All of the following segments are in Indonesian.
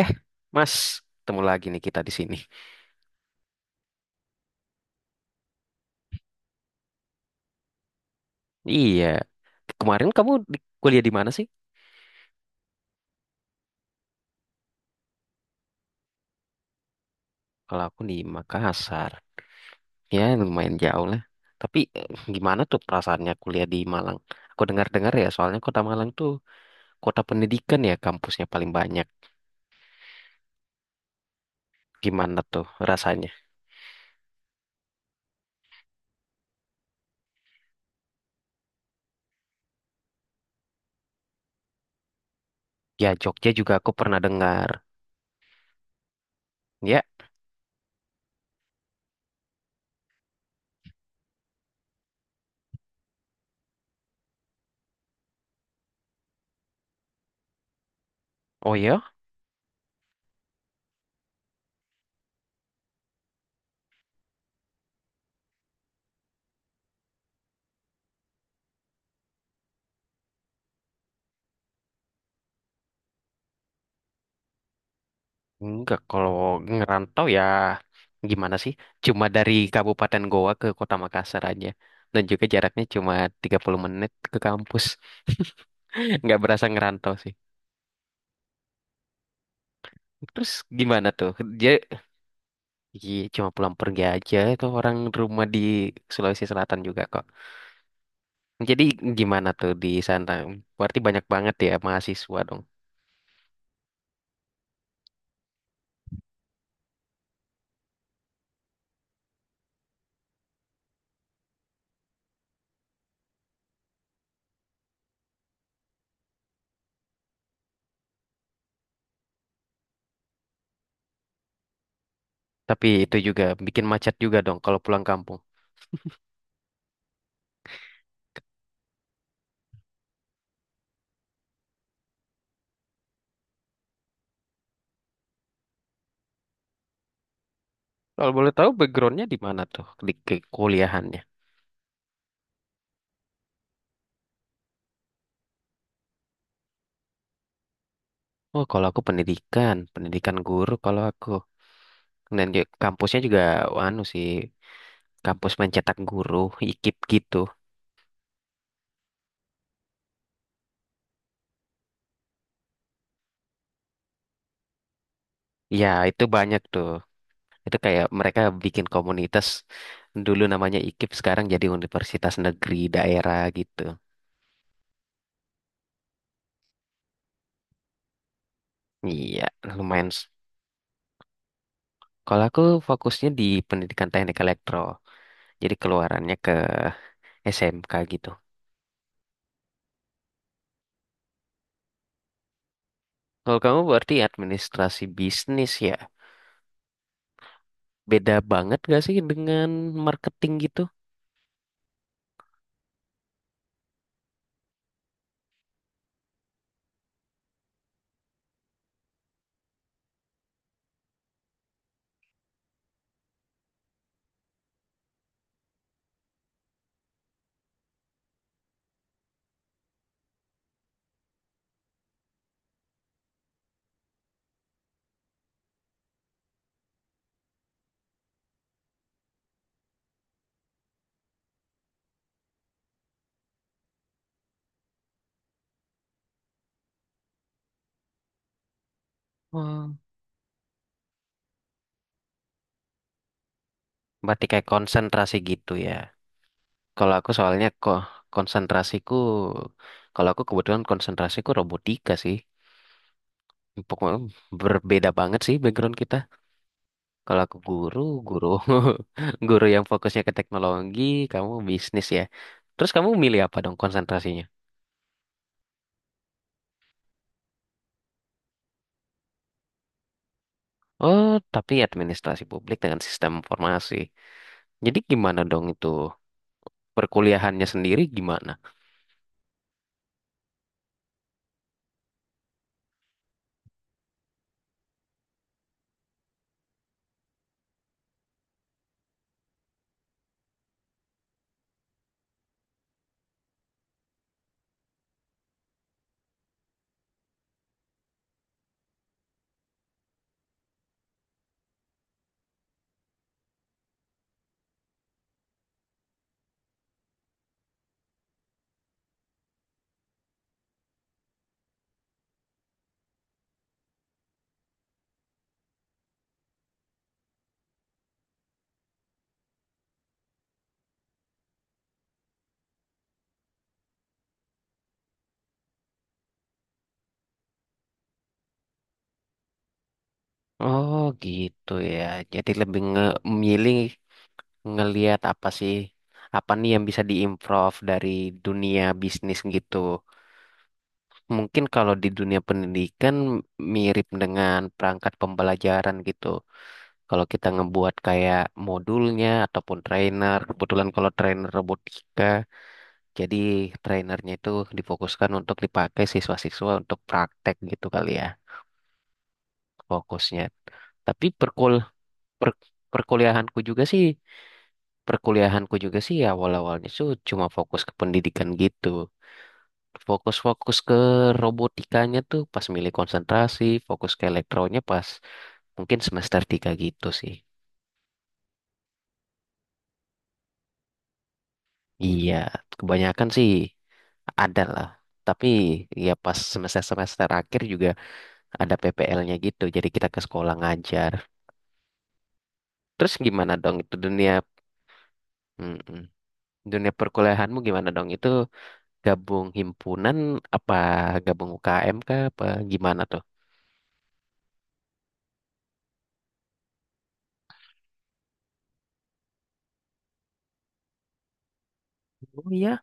Eh, Mas, ketemu lagi nih kita di sini. Iya, kemarin kuliah di mana sih? Kalau aku di Makassar. Ya, lumayan jauh lah. Tapi gimana tuh perasaannya kuliah di Malang? Aku dengar-dengar ya, soalnya kota Malang tuh kota pendidikan ya, kampusnya paling banyak. Gimana tuh rasanya? Ya, Jogja juga aku pernah dengar. Ya, oh ya? Enggak, kalau ngerantau ya gimana sih? Cuma dari Kabupaten Goa ke Kota Makassar aja. Dan juga jaraknya cuma 30 menit ke kampus. Nggak berasa ngerantau sih. Terus gimana tuh? Dia Iya, cuma pulang pergi aja itu orang rumah di Sulawesi Selatan juga kok. Jadi gimana tuh di sana? Berarti banyak banget ya mahasiswa dong. Tapi itu juga bikin macet juga dong kalau pulang kampung. Kalau boleh tahu backgroundnya di mana tuh di kuliahannya? Oh, kalau aku pendidikan guru kalau aku. Dan di kampusnya juga anu sih, kampus mencetak guru, IKIP gitu. Ya, itu banyak tuh. Itu kayak mereka bikin komunitas dulu namanya IKIP, sekarang jadi universitas negeri daerah gitu. Iya, lumayan. Kalau aku fokusnya di pendidikan teknik elektro, jadi keluarannya ke SMK gitu. Kalau kamu berarti administrasi bisnis ya, beda banget gak sih dengan marketing gitu? Berarti kayak konsentrasi gitu ya. Kalau aku soalnya kok konsentrasiku, kalau aku kebetulan konsentrasiku robotika sih. Pokoknya berbeda banget sih background kita. Kalau aku guru, guru, guru yang fokusnya ke teknologi, kamu bisnis ya. Terus kamu milih apa dong konsentrasinya? Oh, tapi administrasi publik dengan sistem informasi. Jadi gimana dong itu? Perkuliahannya sendiri gimana? Oh gitu ya. Jadi lebih memilih ngelihat apa sih apa nih yang bisa diimprove dari dunia bisnis gitu. Mungkin kalau di dunia pendidikan mirip dengan perangkat pembelajaran gitu. Kalau kita ngebuat kayak modulnya ataupun trainer, kebetulan kalau trainer robotika, jadi trainernya itu difokuskan untuk dipakai siswa-siswa untuk praktek gitu kali ya fokusnya. Tapi perkuliahanku juga sih ya awal-awalnya tuh cuma fokus ke pendidikan gitu. Fokus-fokus ke robotikanya tuh pas milih konsentrasi, fokus ke elektronya pas mungkin semester 3 gitu sih. Iya, kebanyakan sih ada lah. Tapi ya pas semester-semester akhir juga ada PPL-nya gitu, jadi kita ke sekolah ngajar. Terus gimana dong itu Mm-mm. Dunia perkuliahanmu gimana dong? Itu gabung himpunan apa gabung UKM kah apa gimana tuh? Oh iya.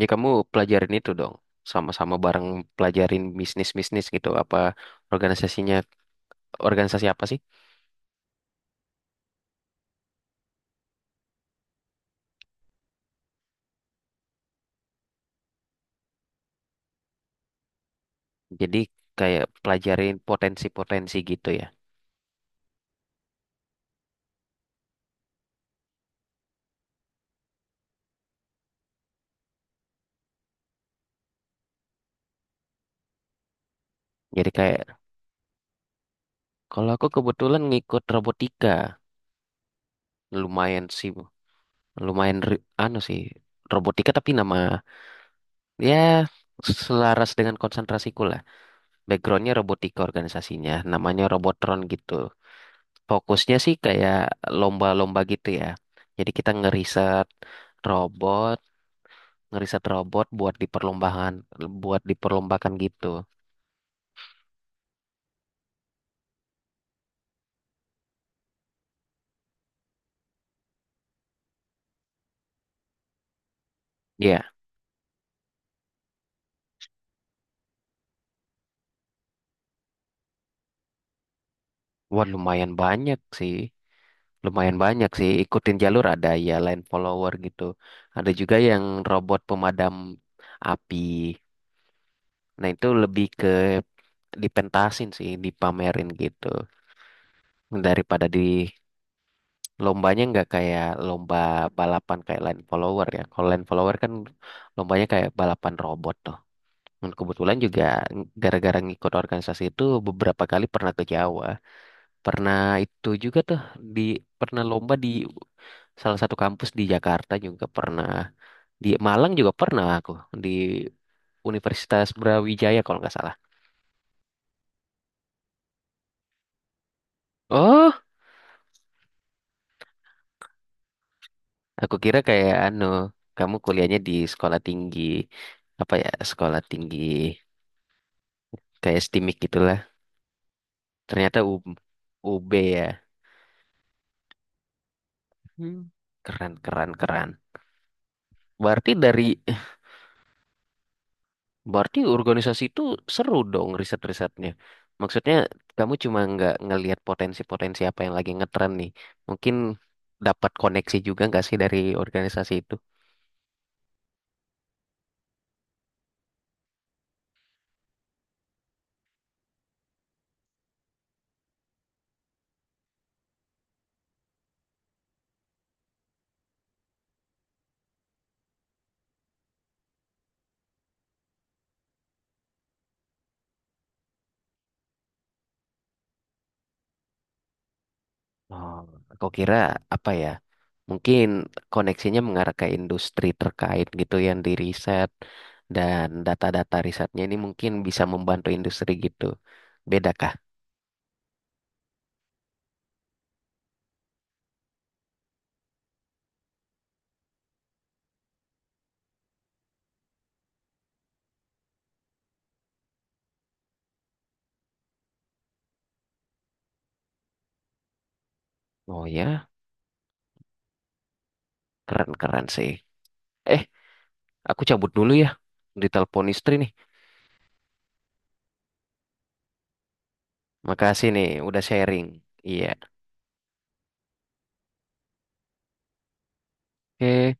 Ya kamu pelajarin itu dong. Sama-sama bareng pelajarin bisnis-bisnis gitu. Apa organisasinya, organisasi apa sih? Jadi kayak pelajarin potensi-potensi gitu ya. Jadi kayak, Kalau aku kebetulan ngikut robotika. Lumayan sih, anu sih. Robotika ya selaras dengan konsentrasiku lah. Backgroundnya robotika organisasinya. Namanya Robotron gitu. Fokusnya sih kayak lomba-lomba gitu ya. Jadi kita robot, ngeriset robot buat buat diperlombakan gitu. Iya, wah lumayan banyak sih. Lumayan banyak sih. Ikutin jalur ada ya line follower gitu. Ada juga yang robot pemadam api. Nah itu lebih ke dipentasin sih, dipamerin gitu. Daripada di Lombanya nggak kayak lomba balapan kayak line follower ya. Kalau line follower kan lombanya kayak balapan robot tuh. Dan kebetulan juga gara-gara ngikut organisasi itu beberapa kali pernah ke Jawa. Pernah itu juga tuh di pernah lomba di salah satu kampus di Jakarta juga pernah. Di Malang juga pernah aku di Universitas Brawijaya kalau nggak salah. Oh, aku kira kayak anu, kamu kuliahnya di sekolah tinggi kayak STIMIK gitu. Ternyata UB ya. Hmm, keren, keren, keren. Berarti dari, Berarti organisasi itu seru dong riset-risetnya. Maksudnya kamu cuma nggak ngelihat potensi-potensi apa yang lagi ngetren nih. Mungkin dapat koneksi juga nggak sih dari organisasi itu? Oh, kau kira apa ya? Mungkin koneksinya mengarah ke industri terkait gitu ya, yang di riset dan data-data risetnya ini mungkin bisa membantu industri gitu. Bedakah? Oh ya, keren-keren sih. Eh, aku cabut dulu ya. Ditelepon istri nih. Makasih nih, udah sharing. Iya. Oke.